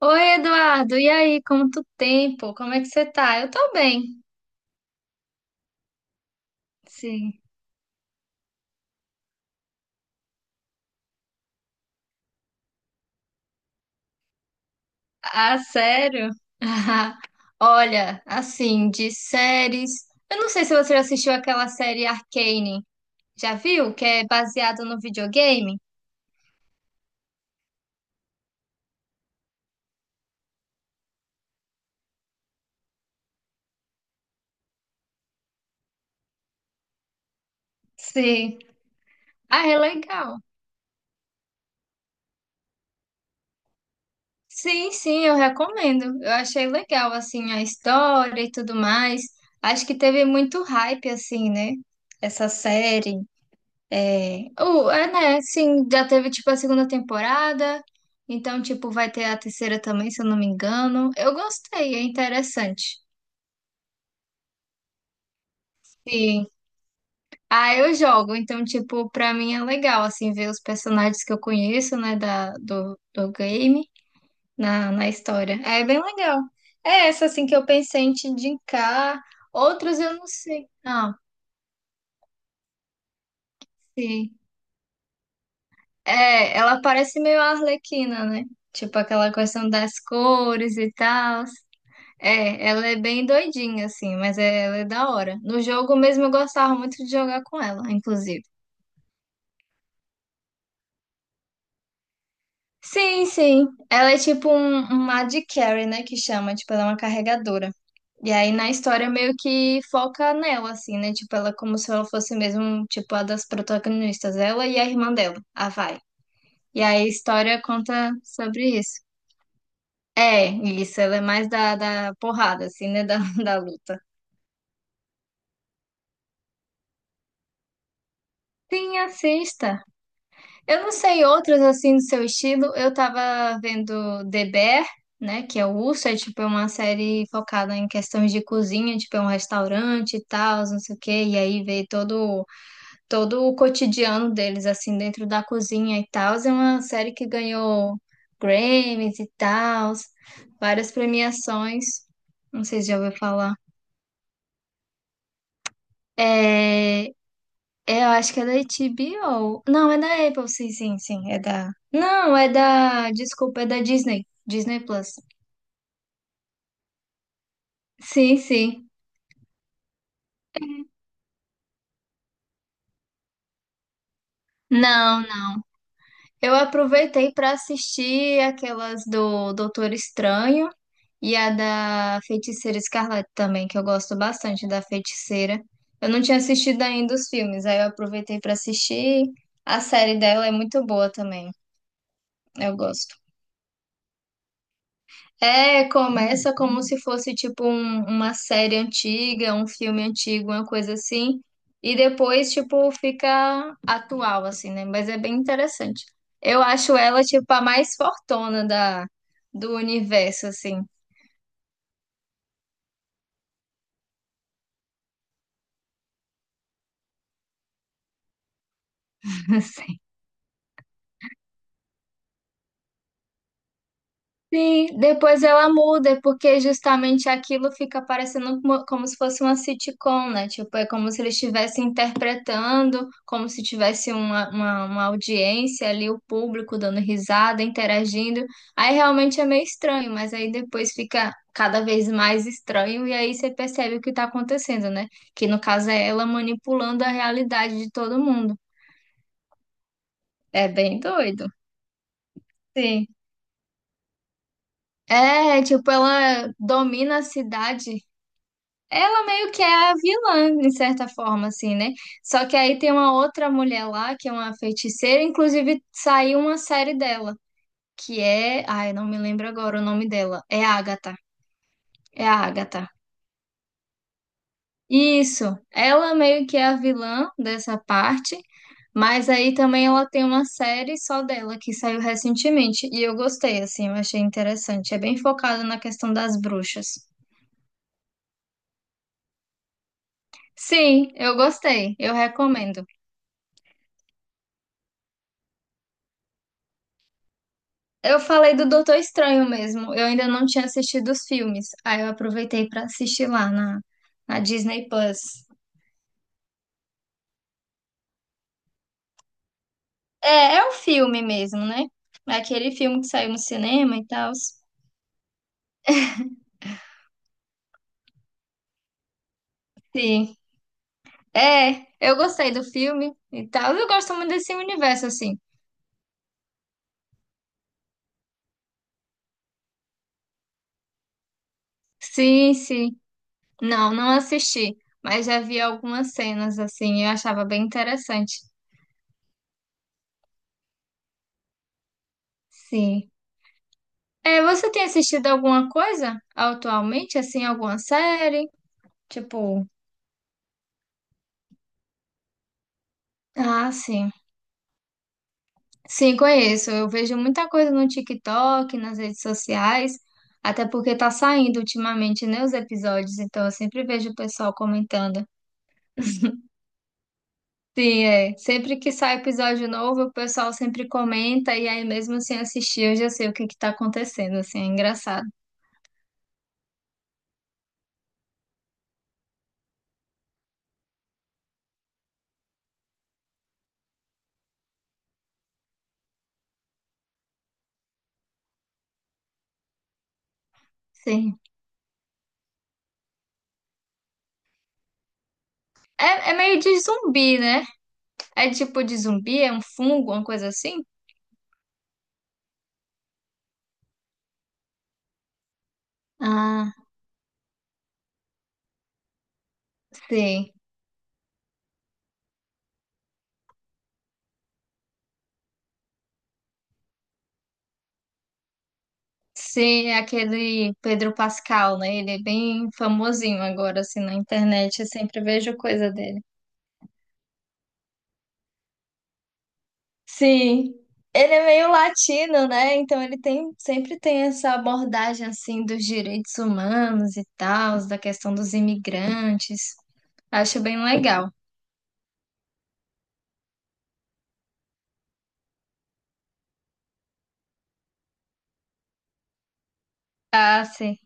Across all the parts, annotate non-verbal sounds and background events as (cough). Oi, Eduardo, e aí, quanto tempo? Como é que você tá? Eu tô bem, sim. Ah, sério? (laughs) Olha, assim, de séries. Eu não sei se você já assistiu aquela série Arcane. Já viu? Que é baseado no videogame? Sim. Ah, é legal. Sim, sim, eu recomendo. Eu achei legal, assim, a história e tudo mais. Acho que teve muito hype, assim, né? Essa série. É, o é, né? Sim, já teve tipo a segunda temporada, então tipo vai ter a terceira também, se eu não me engano. Eu gostei, é interessante. Sim. Ah, eu jogo, então tipo pra mim é legal assim ver os personagens que eu conheço, né, do game na, na história. É bem legal. É essa assim que eu pensei em te indicar. Outras eu não sei. Ah, sim. É, ela parece meio a Arlequina, né? Tipo aquela questão das cores e tal. É, ela é bem doidinha, assim, mas ela é da hora. No jogo mesmo eu gostava muito de jogar com ela, inclusive. Sim, sim. Ela é tipo uma AD carry, né, que chama, tipo, ela é uma carregadora. E aí na história meio que foca nela, assim, né, tipo, ela é como se ela fosse mesmo, tipo, a das protagonistas, ela e a irmã dela, a Vai. E aí a história conta sobre isso. É, isso, ela é mais da porrada, assim, né, da, (laughs) da luta. Sim, assista. Eu não sei outras assim do seu estilo. Eu tava vendo The Bear, né? Que é o Urso, é tipo é uma série focada em questões de cozinha, tipo é um restaurante e tal, não sei o quê. E aí vê todo o cotidiano deles, assim, dentro da cozinha e tal. É uma série que ganhou Grammys e tal, várias premiações. Não sei se já ouviu falar. É, é, eu acho que é da HBO. Não, é da Apple, sim, sim, sim. É da. Não, é da. Desculpa, é da Disney. Disney Plus. Sim, sim. Não, não. Eu aproveitei para assistir aquelas do Doutor Estranho e a da Feiticeira Escarlate também, que eu gosto bastante da Feiticeira. Eu não tinha assistido ainda os filmes, aí eu aproveitei para assistir. A série dela é muito boa também. Eu gosto. É, começa como se fosse tipo uma série antiga, um filme antigo, uma coisa assim, e depois tipo fica atual assim, né? Mas é bem interessante. Eu acho ela tipo a mais fortona da do universo assim. (laughs) Sim, depois ela muda, porque justamente aquilo fica parecendo como, como se fosse uma sitcom, né? Tipo, é como se eles estivessem interpretando, como se tivesse uma audiência ali, o público dando risada, interagindo. Aí realmente é meio estranho, mas aí depois fica cada vez mais estranho, e aí você percebe o que tá acontecendo, né? Que no caso é ela manipulando a realidade de todo mundo. É bem doido. Sim. É, tipo, ela domina a cidade. Ela meio que é a vilã, de certa forma, assim, né? Só que aí tem uma outra mulher lá, que é uma feiticeira, inclusive saiu uma série dela, que é. Ai, não me lembro agora o nome dela. É Agatha. É a Agatha. Isso. Ela meio que é a vilã dessa parte, mas aí também ela tem uma série só dela, que saiu recentemente. E eu gostei, assim, eu achei interessante. É bem focado na questão das bruxas. Sim, eu gostei. Eu recomendo. Eu falei do Doutor Estranho mesmo. Eu ainda não tinha assistido os filmes. Aí eu aproveitei pra assistir lá na, na Disney Plus. É, é um filme mesmo, né? É aquele filme que saiu no cinema e tal. Sim. É, eu gostei do filme e tal. Eu gosto muito desse universo, assim. Sim, sim. Não, não assisti. Mas já vi algumas cenas, assim. Eu achava bem interessante. Sim. É, você tem assistido alguma coisa atualmente, assim, alguma série? Tipo. Ah, sim. Sim, conheço. Eu vejo muita coisa no TikTok, nas redes sociais, até porque tá saindo ultimamente, né, os episódios, então eu sempre vejo o pessoal comentando. Sim, é. Sempre que sai episódio novo, o pessoal sempre comenta e aí mesmo sem assistir, eu já sei o que que tá acontecendo, assim, é engraçado. Sim. É, é meio de zumbi, né? É tipo de zumbi, é um fungo, uma coisa assim? Ah, sim. Sim, é aquele Pedro Pascal, né? Ele é bem famosinho agora, assim, na internet. Eu sempre vejo coisa dele. Sim, ele é meio latino, né? Então ele tem, sempre tem essa abordagem, assim, dos direitos humanos e tal, da questão dos imigrantes. Acho bem legal. Ah, sim.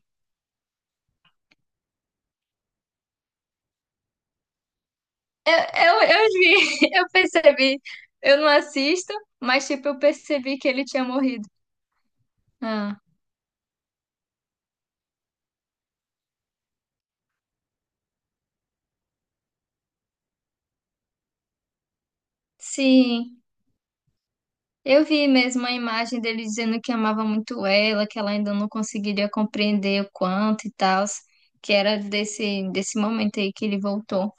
Eu vi, (laughs) eu percebi. Eu não assisto, mas, tipo, eu percebi que ele tinha morrido. Ah, sim. Eu vi mesmo a imagem dele dizendo que amava muito ela, que ela ainda não conseguiria compreender o quanto e tal, que era desse momento aí que ele voltou.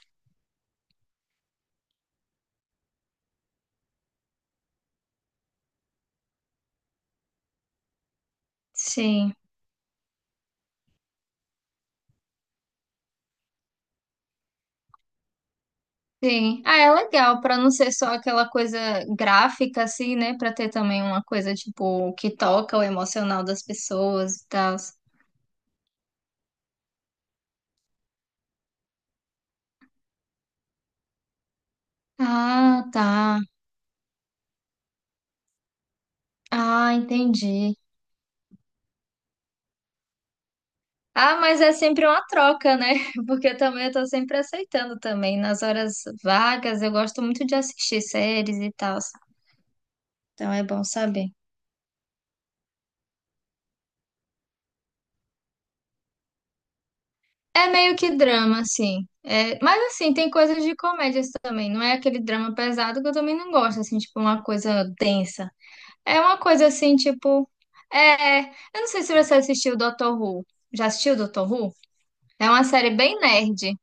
Sim, sim. Ah, é legal, pra não ser só aquela coisa gráfica assim, né? Pra ter também uma coisa tipo que toca o emocional das pessoas e tal. Ah, tá. Ah, entendi. Ah, mas é sempre uma troca, né? (laughs) Porque eu também eu tô sempre aceitando também. Nas horas vagas, eu gosto muito de assistir séries e tal. Então é bom saber. É meio que drama, assim. É, mas assim, tem coisas de comédias também. Não é aquele drama pesado que eu também não gosto, assim, tipo uma coisa densa. É uma coisa assim, tipo. É. Eu não sei se você assistiu Doctor Who. Já assistiu Doctor Who? É uma série bem nerd.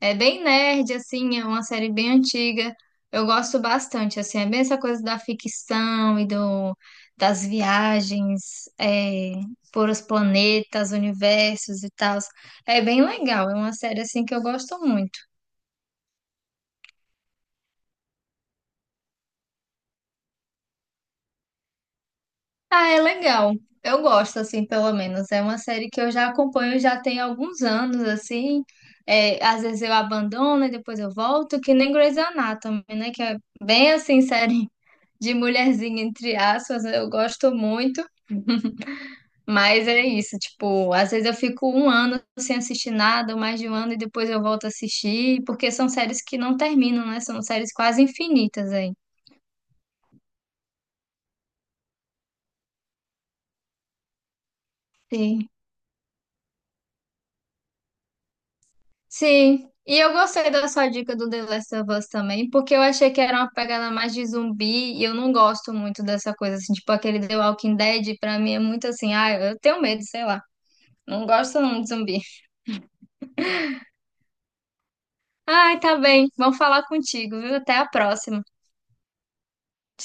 É bem nerd, assim, é uma série bem antiga. Eu gosto bastante, assim, é bem essa coisa da ficção e do, das viagens por os planetas, universos e tal. É bem legal, é uma série, assim, que eu gosto muito. Ah, é legal. Eu gosto, assim, pelo menos. É uma série que eu já acompanho já tem alguns anos, assim. É, às vezes eu abandono e depois eu volto, que nem Grey's Anatomy, né? Que é bem, assim, série de mulherzinha, entre aspas, eu gosto muito, mas é isso, tipo, às vezes eu fico um ano sem assistir nada, ou mais de um ano, e depois eu volto a assistir, porque são séries que não terminam, né? São séries quase infinitas aí. Sim. Sim. E eu gostei da sua dica do The Last of Us também, porque eu achei que era uma pegada mais de zumbi, e eu não gosto muito dessa coisa, assim, tipo, aquele The Walking Dead, pra mim é muito assim, ah, eu tenho medo, sei lá. Não gosto não de zumbi. Ai, tá bem. Vamos falar contigo, viu? Até a próxima. Tchau.